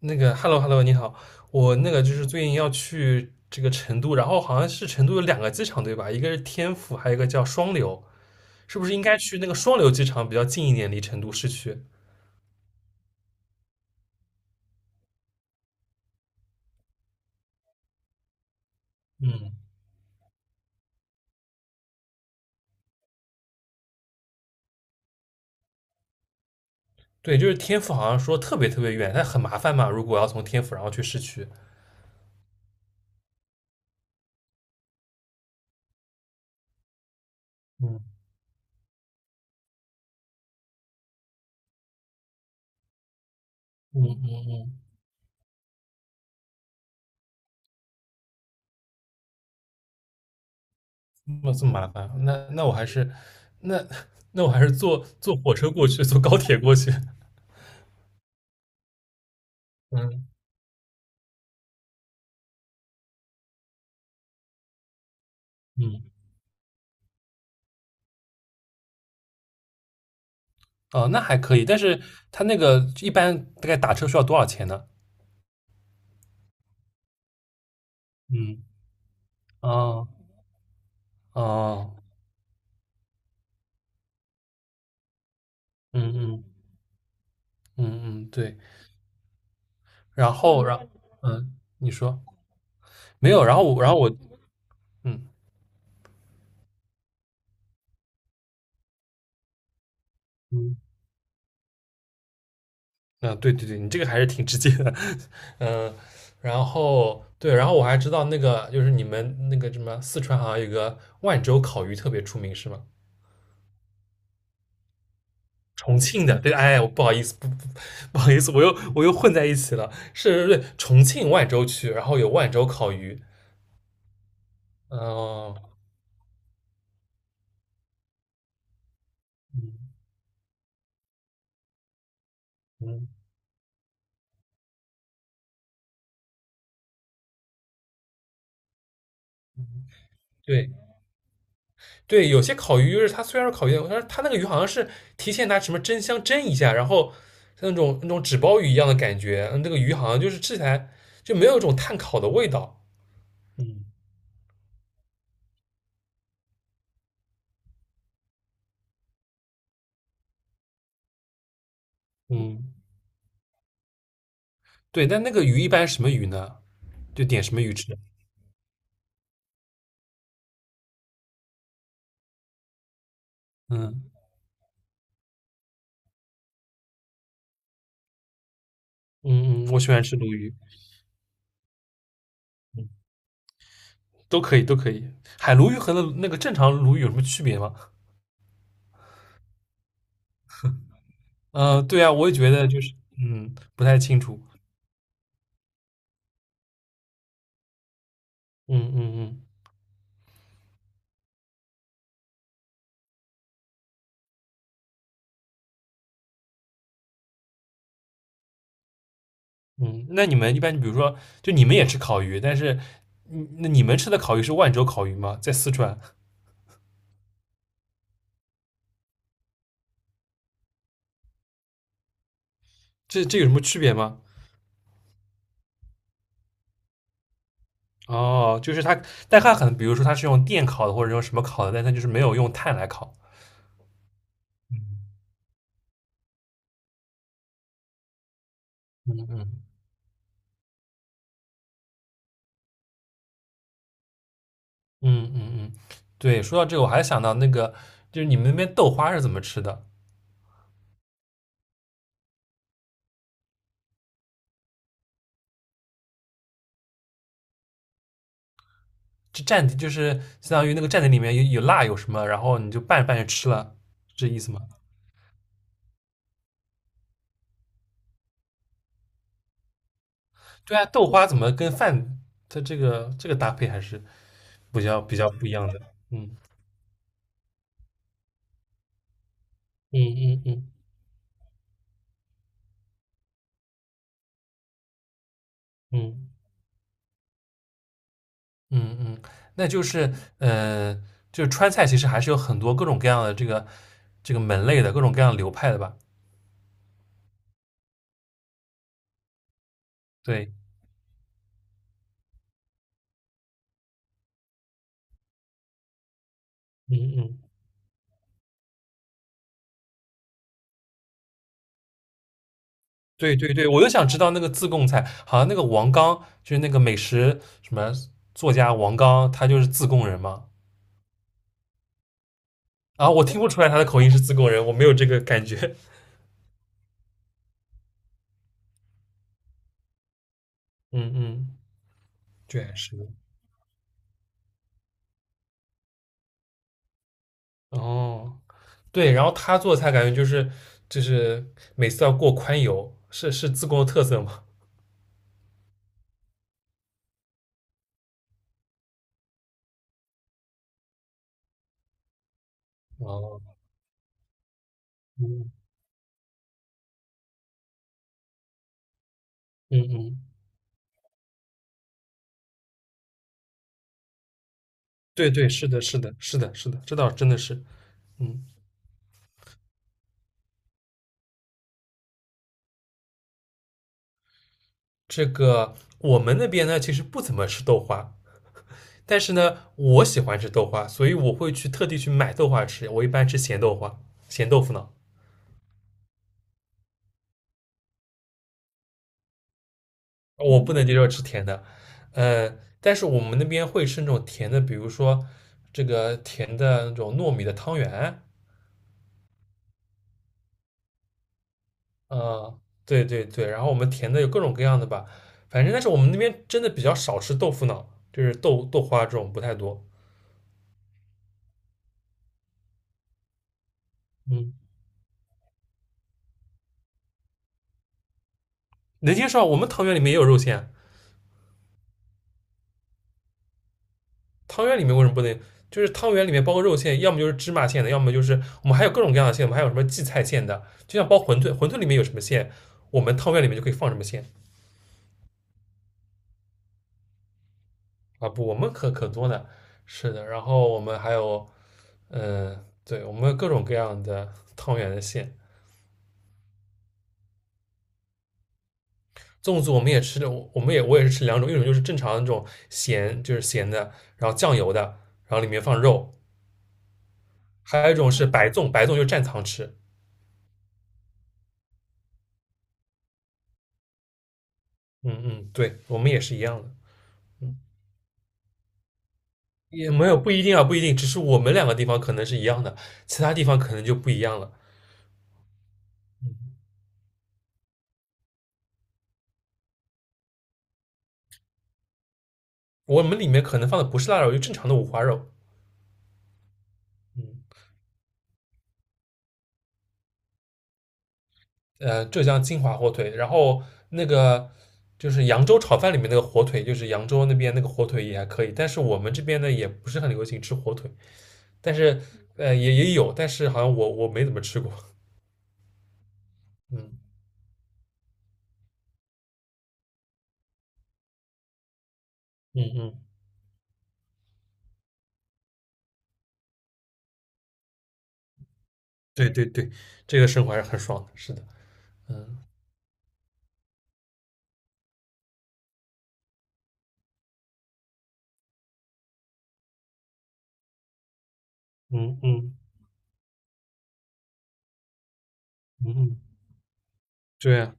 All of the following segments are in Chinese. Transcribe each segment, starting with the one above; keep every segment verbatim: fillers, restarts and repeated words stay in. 那个，hello hello，你好。我那个就是最近要去这个成都，然后好像是成都有两个机场对吧？一个是天府，还有一个叫双流。是不是应该去那个双流机场比较近一点，离成都市区？嗯，对，就是天府好像说特别特别远，但很麻烦嘛，如果要从天府然后去市区。嗯嗯嗯嗯，那这么麻烦啊，那那我还是那 那我还是坐坐火车过去，坐高铁过去。嗯嗯。哦，那还可以，但是它那个一般大概打车需要多少钱呢？嗯。哦。哦。嗯嗯嗯嗯，对。然后然嗯，你说。没有，然后我，然后我，嗯嗯。啊，对对对，你这个还是挺直接的。嗯，然后对，然后我还知道那个就是你们那个什么四川好像有个万州烤鱼特别出名是吗？重庆的，对，哎，我不好意思，不不不好意思，我又我又混在一起了，是，对，重庆万州区，然后有万州烤鱼。嗯嗯嗯，对。对，有些烤鱼就是它虽然是烤鱼，但是它那个鱼好像是提前拿什么蒸箱蒸一下，然后像那种那种纸包鱼一样的感觉，嗯那个鱼好像就是吃起来就没有一种炭烤的味道。嗯嗯，对，但那个鱼一般是什么鱼呢？就点什么鱼吃？嗯嗯嗯，我喜欢吃鲈鱼。嗯，都可以都可以。海鲈鱼和那那个正常鲈鱼有什么区别吗？嗯、呃对啊，我也觉得就是嗯不太清楚。嗯嗯嗯。嗯，那你们一般，比如说，就你们也吃烤鱼，但是，嗯那你们吃的烤鱼是万州烤鱼吗？在四川。这这有什么区别吗？哦，就是它，但它可能，比如说它是用电烤的，或者用什么烤的，但它就是没有用炭来烤。嗯嗯嗯嗯嗯，对，说到这个，我还想到那个，就是你们那边豆花是怎么吃的？就蘸，就是相当于那个蘸在里面有有辣有什么，然后你就拌着拌着吃了，是这意思吗？对啊，豆花怎么跟饭它这个这个搭配还是？比较比较不一样的。嗯嗯嗯嗯嗯嗯嗯，那就是呃，就是川菜其实还是有很多各种各样的这个这个门类的各种各样的流派的吧？对。嗯嗯，对对对，我就想知道那个自贡菜，好像那个王刚就是那个美食什么作家王刚，他就是自贡人嘛。啊，我听不出来他的口音是自贡人，我没有这个感觉。嗯嗯，对，是的。哦，对，然后他做菜感觉就是就是每次要过宽油，是是自贡的特色吗？哦，嗯嗯嗯，对对，是的，是的，是的，是的，这倒真的是。嗯，这个我们那边呢，其实不怎么吃豆花，但是呢，我喜欢吃豆花，所以我会去特地去买豆花吃。我一般吃咸豆花、咸豆腐脑。我不能接受吃甜的。呃，但是我们那边会吃那种甜的，比如说这个甜的那种糯米的汤圆。嗯，对对对，然后我们甜的有各种各样的吧，反正但是我们那边真的比较少吃豆腐脑，就是豆豆花这种不太多。嗯，能接受啊。我们汤圆里面也有肉馅。汤圆里面为什么不能？就是汤圆里面包个肉馅，要么就是芝麻馅的，要么就是我们还有各种各样的馅，我们还有什么荠菜馅的，就像包馄饨，馄饨里面有什么馅，我们汤圆里面就可以放什么馅。啊？不，我们可可多了，是的。然后我们还有，嗯、对，我们有各种各样的汤圆的馅。粽子我们也吃的，我们也我也是吃两种，一种就是正常的那种咸，就是咸的，然后酱油的，然后里面放肉。还有一种是白粽，白粽就蘸糖吃。嗯嗯，对，我们也是一样的。也没有不一定啊，不一定，只是我们两个地方可能是一样的，其他地方可能就不一样了。我们里面可能放的不是腊肉，就正常的五花肉。嗯，呃，浙江金华火腿，然后那个就是扬州炒饭里面那个火腿，就是扬州那边那个火腿也还可以，但是我们这边呢也不是很流行吃火腿。但是呃也也有，但是好像我我没怎么吃过。嗯嗯嗯，对对对，这个生活还是很爽的，是的。嗯嗯嗯嗯，对啊。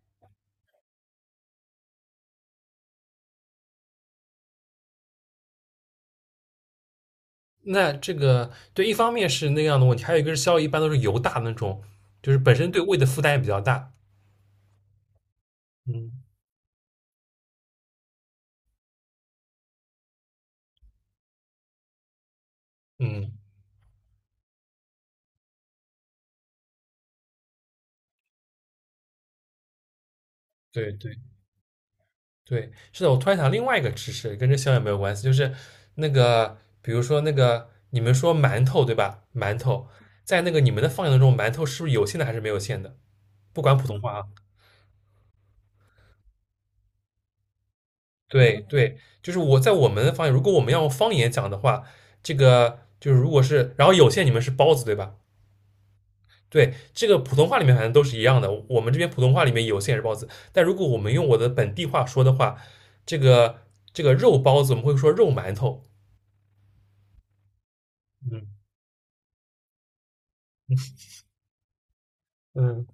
那这个对，一方面是那样的问题，还有一个是宵夜一般都是油大的那种，就是本身对胃的负担也比较大。嗯嗯，对对对，是的。我突然想另外一个知识，跟这宵夜没有关系，就是那个，比如说那个你们说馒头对吧？馒头在那个你们的方言当中，馒头是不是有馅的还是没有馅的？不管普通话啊。对对，就是我在我们的方言，如果我们要用方言讲的话，这个就是如果是，然后有线你们是包子对吧？对，这个普通话里面反正都是一样的，我们这边普通话里面有线也是包子，但如果我们用我的本地话说的话，这个这个肉包子我们会说肉馒头。嗯嗯。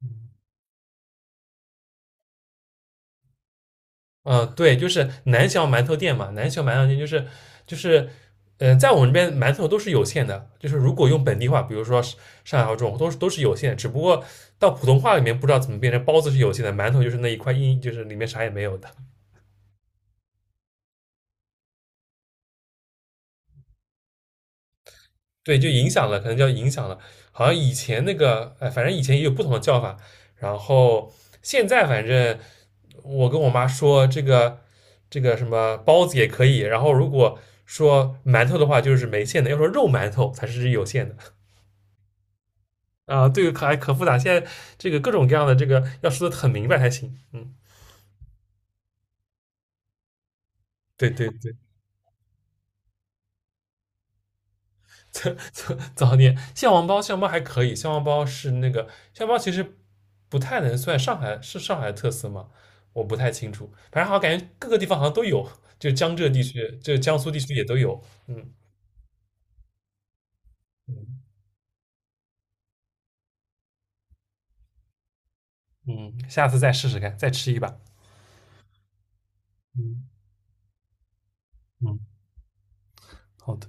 嗯。呃，对，就是南翔馒头店嘛，南翔馒头店就是就是，呃，在我们这边馒头都是有限的，就是如果用本地话，比如说上海话这种，都是都是有限的，只不过到普通话里面不知道怎么变成包子是有限的，馒头就是那一块硬，就是里面啥也没有的。对，就影响了，可能叫影响了，好像以前那个，哎，反正以前也有不同的叫法，然后现在反正我跟我妈说这个这个什么包子也可以，然后如果说馒头的话就是没馅的，要说肉馒头才是有馅的。啊。对，可还可复杂，现在这个各种各样的这个要说的很明白才行。嗯，对对对。早早早点蟹黄包，蟹黄包还可以，蟹黄包是那个蟹黄包其实不太能算上海是上海的特色嘛？我不太清楚，反正好像感觉各个地方好像都有，就江浙地区，就江苏地区也都有。嗯嗯。嗯，下次再试试看，再吃一把。嗯嗯，好的。